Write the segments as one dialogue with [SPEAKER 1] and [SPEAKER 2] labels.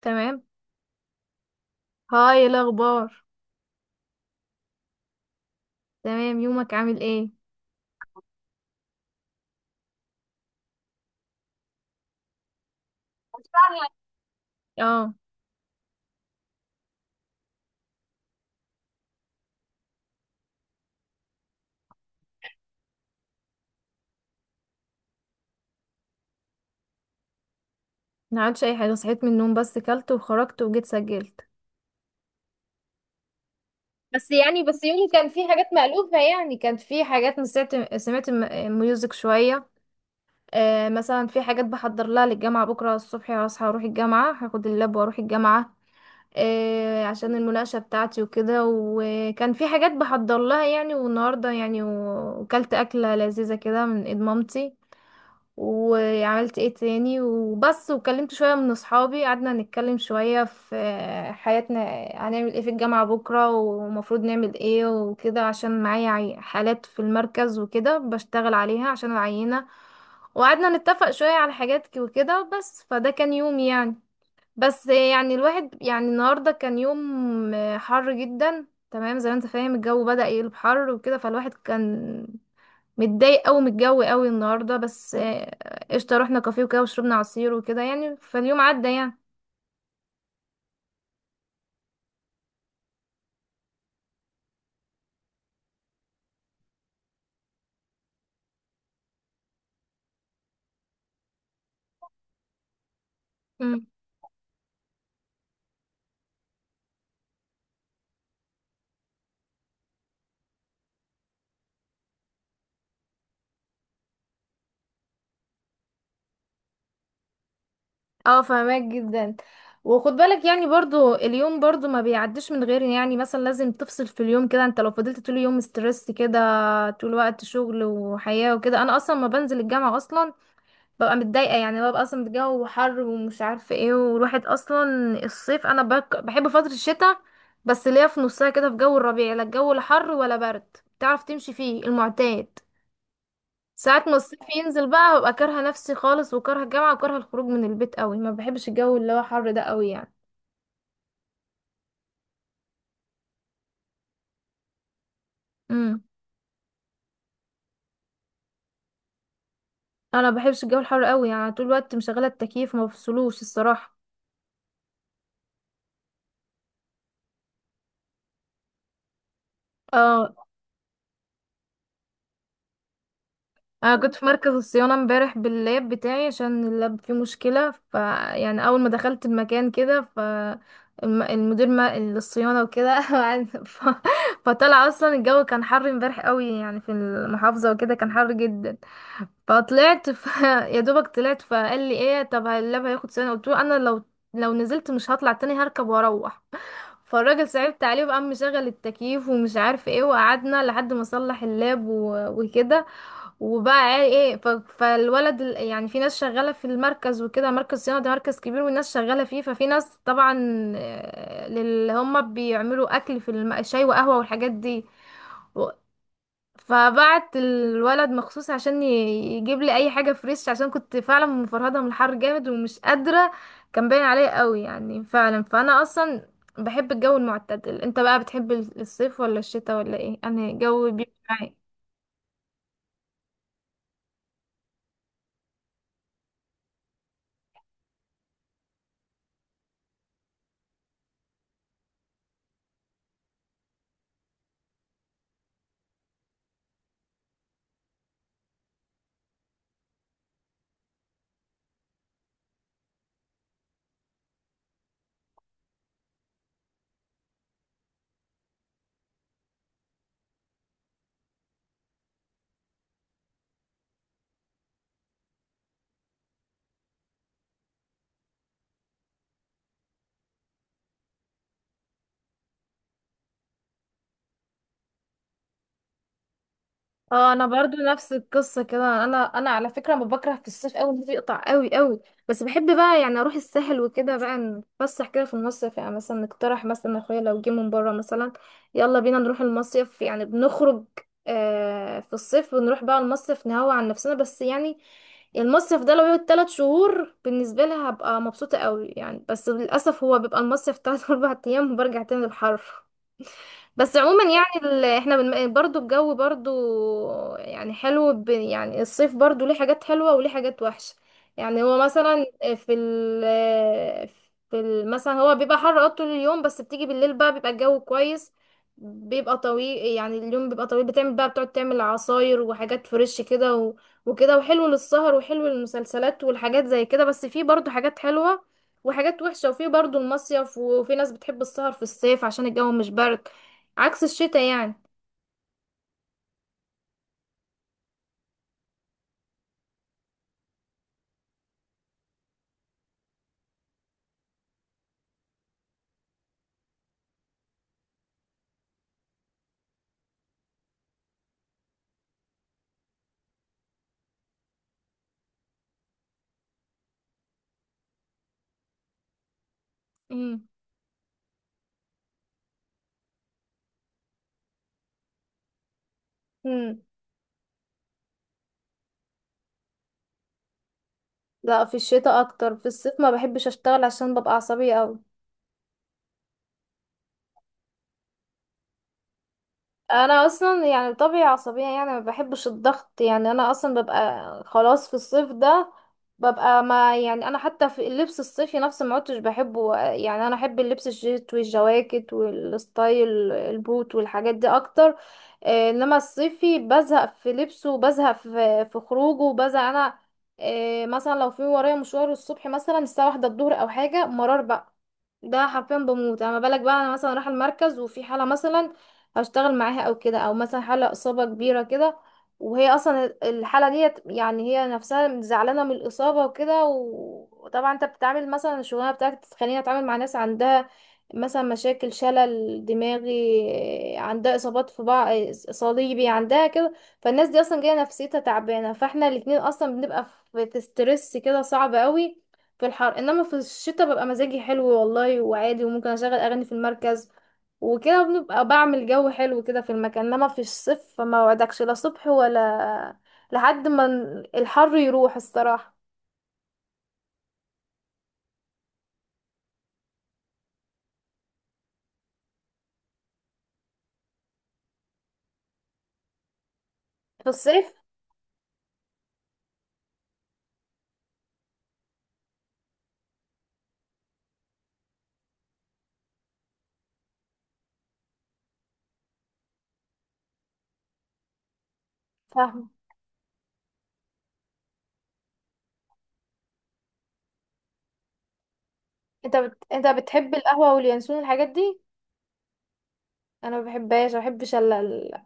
[SPEAKER 1] تمام. هاي، إيه الاخبار؟ تمام، يومك عامل ايه؟ فعلا. اه، ما عملتش اي حاجه، صحيت من النوم بس كلت وخرجت وجيت سجلت. بس يومي كان فيه حاجات مألوفة، يعني كانت في حاجات سمعت ميوزك شويه. آه، مثلا في حاجات بحضر لها للجامعه، بكره الصبح هصحى اروح الجامعه، هاخد اللاب واروح الجامعه. آه، عشان المناقشه بتاعتي وكده، وكان في حاجات بحضر لها يعني. والنهارده يعني وكلت اكله لذيذه كده من ايد مامتي. وعملت ايه تاني وبس، وكلمت شوية من اصحابي، قعدنا نتكلم شوية في حياتنا: هنعمل ايه في الجامعة بكرة، ومفروض نعمل ايه وكده، عشان معايا حالات في المركز وكده بشتغل عليها عشان العينة. وقعدنا نتفق شوية على حاجات وكده. بس فده كان يوم يعني، بس يعني الواحد يعني، النهاردة كان يوم حر جدا. تمام، زي ما انت فاهم، الجو بدأ يقلب حر وكده، فالواحد كان متضايق قوي من الجو قوي النهارده، بس آه، قشطه، رحنا كافيه وكده وشربنا عصير وكده، يعني فاليوم عدى يعني. امم. اه، فهماك جدا. وخد بالك يعني برضو اليوم برضو ما بيعديش من غير يعني، مثلا لازم تفصل في اليوم كده، انت لو فضلت طول اليوم ستريس كده، طول الوقت شغل وحياة وكده. انا اصلا ما بنزل الجامعة اصلا ببقى متضايقة، يعني ببقى أصلا الجو حر ومش عارفة ايه، والواحد أصلا الصيف أنا بحب فترة الشتاء، بس اللي هي في نصها كده، في جو الربيع لا الجو لا حر ولا برد، تعرف تمشي فيه المعتاد. ساعات ما الصيف ينزل بقى، ببقى كارهة نفسي خالص، وكارهة الجامعة، وكارهة الخروج من البيت قوي، ما بحبش الجو اللي هو حر ده قوي يعني. امم. انا ما بحبش الجو الحر قوي، يعني طول الوقت مشغلة التكييف، ما بفصلوش الصراحة. اه. انا كنت في مركز الصيانه امبارح باللاب بتاعي عشان اللاب فيه مشكله، ف يعني اول ما دخلت المكان كده، ف المدير ما الصيانه وكده فطلع اصلا الجو كان حر امبارح قوي، يعني في المحافظه وكده كان حر جدا. فطلعت يا دوبك طلعت، فقال لي ايه، طب اللاب هياخد صيانه، قلت له انا لو لو نزلت مش هطلع تاني، هركب واروح. فالراجل صعبت عليه وقام مشغل التكييف ومش عارف ايه، وقعدنا لحد ما صلح اللاب وكده. وبقى ايه، فالولد يعني في ناس شغالة في المركز وكده، مركز صيانة ده مركز كبير والناس شغالة فيه، ففي ناس طبعا آه، اللي هم بيعملوا اكل في شاي وقهوة والحاجات دي و- فبعت الولد مخصوص عشان يجيب لي اي حاجة فريش، عشان كنت فعلا مفرهدة من الحر جامد ومش قادرة، كان باين عليا قوي يعني فعلا. فانا اصلا بحب الجو المعتدل، انت بقى بتحب الصيف ولا الشتاء ولا ايه؟ انا جو بيبقى معاك. اه، انا برضو نفس القصه كده، انا على فكره ما بكره في الصيف قوي، الناس بيقطع قوي قوي. بس بحب بقى يعني اروح الساحل وكده بقى، نتفسح كده في المصيف، يعني مثلا نقترح مثلا، اخويا لو جه من بره مثلا يلا بينا نروح المصيف، يعني بنخرج آه في الصيف، ونروح بقى المصيف نهوى عن نفسنا. بس يعني المصيف ده لو يقعد تلات شهور بالنسبه لي هبقى مبسوطه قوي يعني، بس للاسف هو بيبقى المصيف تلات اربع ايام وبرجع تاني للحر. بس عموما يعني احنا برضو الجو برضو يعني حلو يعني الصيف برضو ليه حاجات حلوة وليه حاجات وحشة. يعني هو مثلا في مثلا هو بيبقى حر اه طول اليوم، بس بتيجي بالليل بقى بيبقى الجو كويس، بيبقى طويل، يعني اليوم بيبقى طويل، بتعمل بقى بتقعد تعمل عصاير وحاجات فريش كده وكده، وحلو للسهر وحلو للمسلسلات والحاجات زي كده. بس في برضو حاجات حلوة وحاجات وحشة، وفي برضو المصيف، وفي ناس بتحب السهر في الصيف عشان الجو مش برد، عكس الشتاء يعني. امم. امم. لا، في الشتاء اكتر. في الصيف ما بحبش اشتغل عشان ببقى عصبية قوي. انا اصلا يعني طبيعي عصبيه، يعني ما بحبش الضغط، يعني انا اصلا ببقى خلاص في الصيف ده، ببقى ما يعني، انا حتى في اللبس الصيفي نفسه ما عدتش بحبه، يعني انا احب اللبس الجيت والجواكت والستايل البوت والحاجات دي اكتر. آه، انما الصيفي بزهق في لبسه وبزهق في خروجه، وبزهق انا آه، مثلا لو في ورايا مشوار الصبح مثلا الساعه واحدة الظهر او حاجه مرار بقى، ده حرفيا بموت. اما بالك بقى انا مثلا رايحه المركز وفي حاله مثلا هشتغل معاها او كده، او مثلا حالة اصابة كبيرة كده، وهي اصلا الحالة ديت يعني هي نفسها زعلانة من الاصابة وكده وطبعا انت بتتعامل، مثلا الشغلانة بتاعتك بتخليني اتعامل مع ناس عندها مثلا مشاكل شلل دماغي، عندها اصابات في بعض صليبي عندها كده. فالناس دي اصلا جايه نفسيتها تعبانه، فاحنا الاتنين اصلا بنبقى في ستريس كده صعب قوي في الحر. انما في الشتاء ببقى مزاجي حلو والله وعادي، وممكن اشغل اغاني في المركز وكده، بنبقى بعمل جو حلو كده في المكان. انما في الصيف فما وعدكش لا صبح ولا لحد ما الحر يروح الصراحة في الصيف. فاهم، انت انت بتحب القهوة واليانسون الحاجات دي؟ انا ما بحبهاش، ما بحبش الا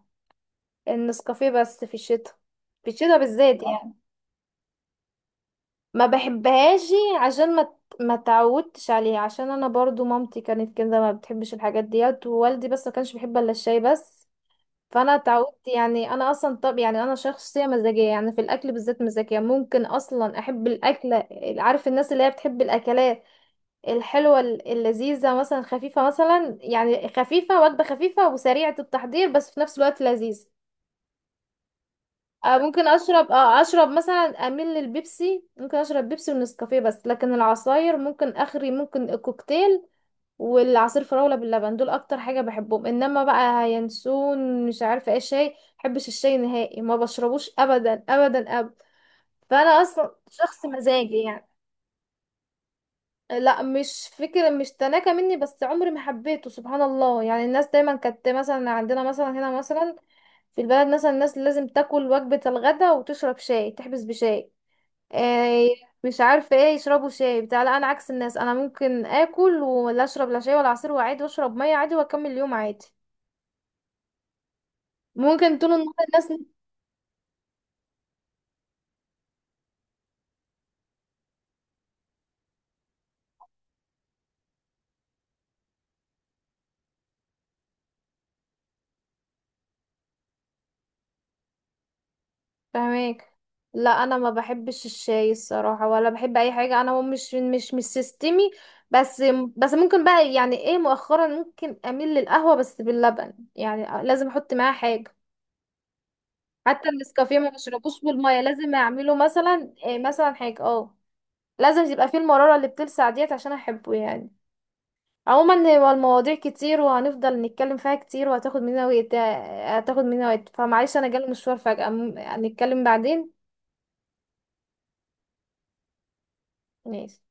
[SPEAKER 1] النسكافيه بس في الشتاء، في الشتاء بالذات يعني. ما بحبهاش عشان ما ما تعودتش عليها، عشان انا برضو مامتي كانت كده ما بتحبش الحاجات ديت، ووالدي بس ما كانش بيحب الا الشاي بس، فانا اتعودت يعني. انا اصلا طب يعني انا شخصيه مزاجيه يعني، في الاكل بالذات مزاجيه، ممكن اصلا احب الاكله، عارف الناس اللي هي بتحب الاكلات الحلوه اللذيذه مثلا، خفيفه مثلا يعني، خفيفه وجبه خفيفه وسريعه التحضير بس في نفس الوقت لذيذ. آه، ممكن اشرب اه اشرب مثلا، اميل للبيبسي، ممكن اشرب بيبسي ونسكافيه بس، لكن العصاير ممكن اخري، ممكن كوكتيل والعصير فراولة باللبن، دول اكتر حاجة بحبهم. انما بقى ينسون مش عارفة ايه شاي، بحبش الشاي نهائي، ما بشربوش ابدا ابدا ابدا. فانا اصلا شخص مزاجي يعني. لا، مش فكرة مش تناكة مني، بس عمري ما حبيته سبحان الله، يعني الناس دايما كانت مثلا عندنا مثلا هنا مثلا في البلد مثلا، الناس لازم تاكل وجبة الغداء وتشرب شاي، تحبس بشاي آه، مش عارفه ايه، يشربوا شاي بتاع. لا انا عكس الناس، انا ممكن اكل ولا اشرب لا شاي ولا عصير، وعادي واشرب ميه عادي واكمل اليوم عادي ممكن طول النهار الناس. فاهماك. لا انا ما بحبش الشاي الصراحه ولا بحب اي حاجه، انا هو مش سيستمي، بس بس ممكن بقى يعني ايه، مؤخرا ممكن اميل للقهوه بس باللبن، يعني لازم احط معاها حاجه، حتى النسكافيه ما بشربوش بالميه، لازم اعمله مثلا إيه، مثلا حاجه اه، لازم يبقى فيه المرارة اللي بتلسع ديت عشان احبه يعني. عموما هو المواضيع كتير وهنفضل نتكلم فيها كتير وهتاخد مننا وقت، هتاخد مننا وقت، فمعلش انا جالي مشوار فجأة، هنتكلم بعدين. ماشي.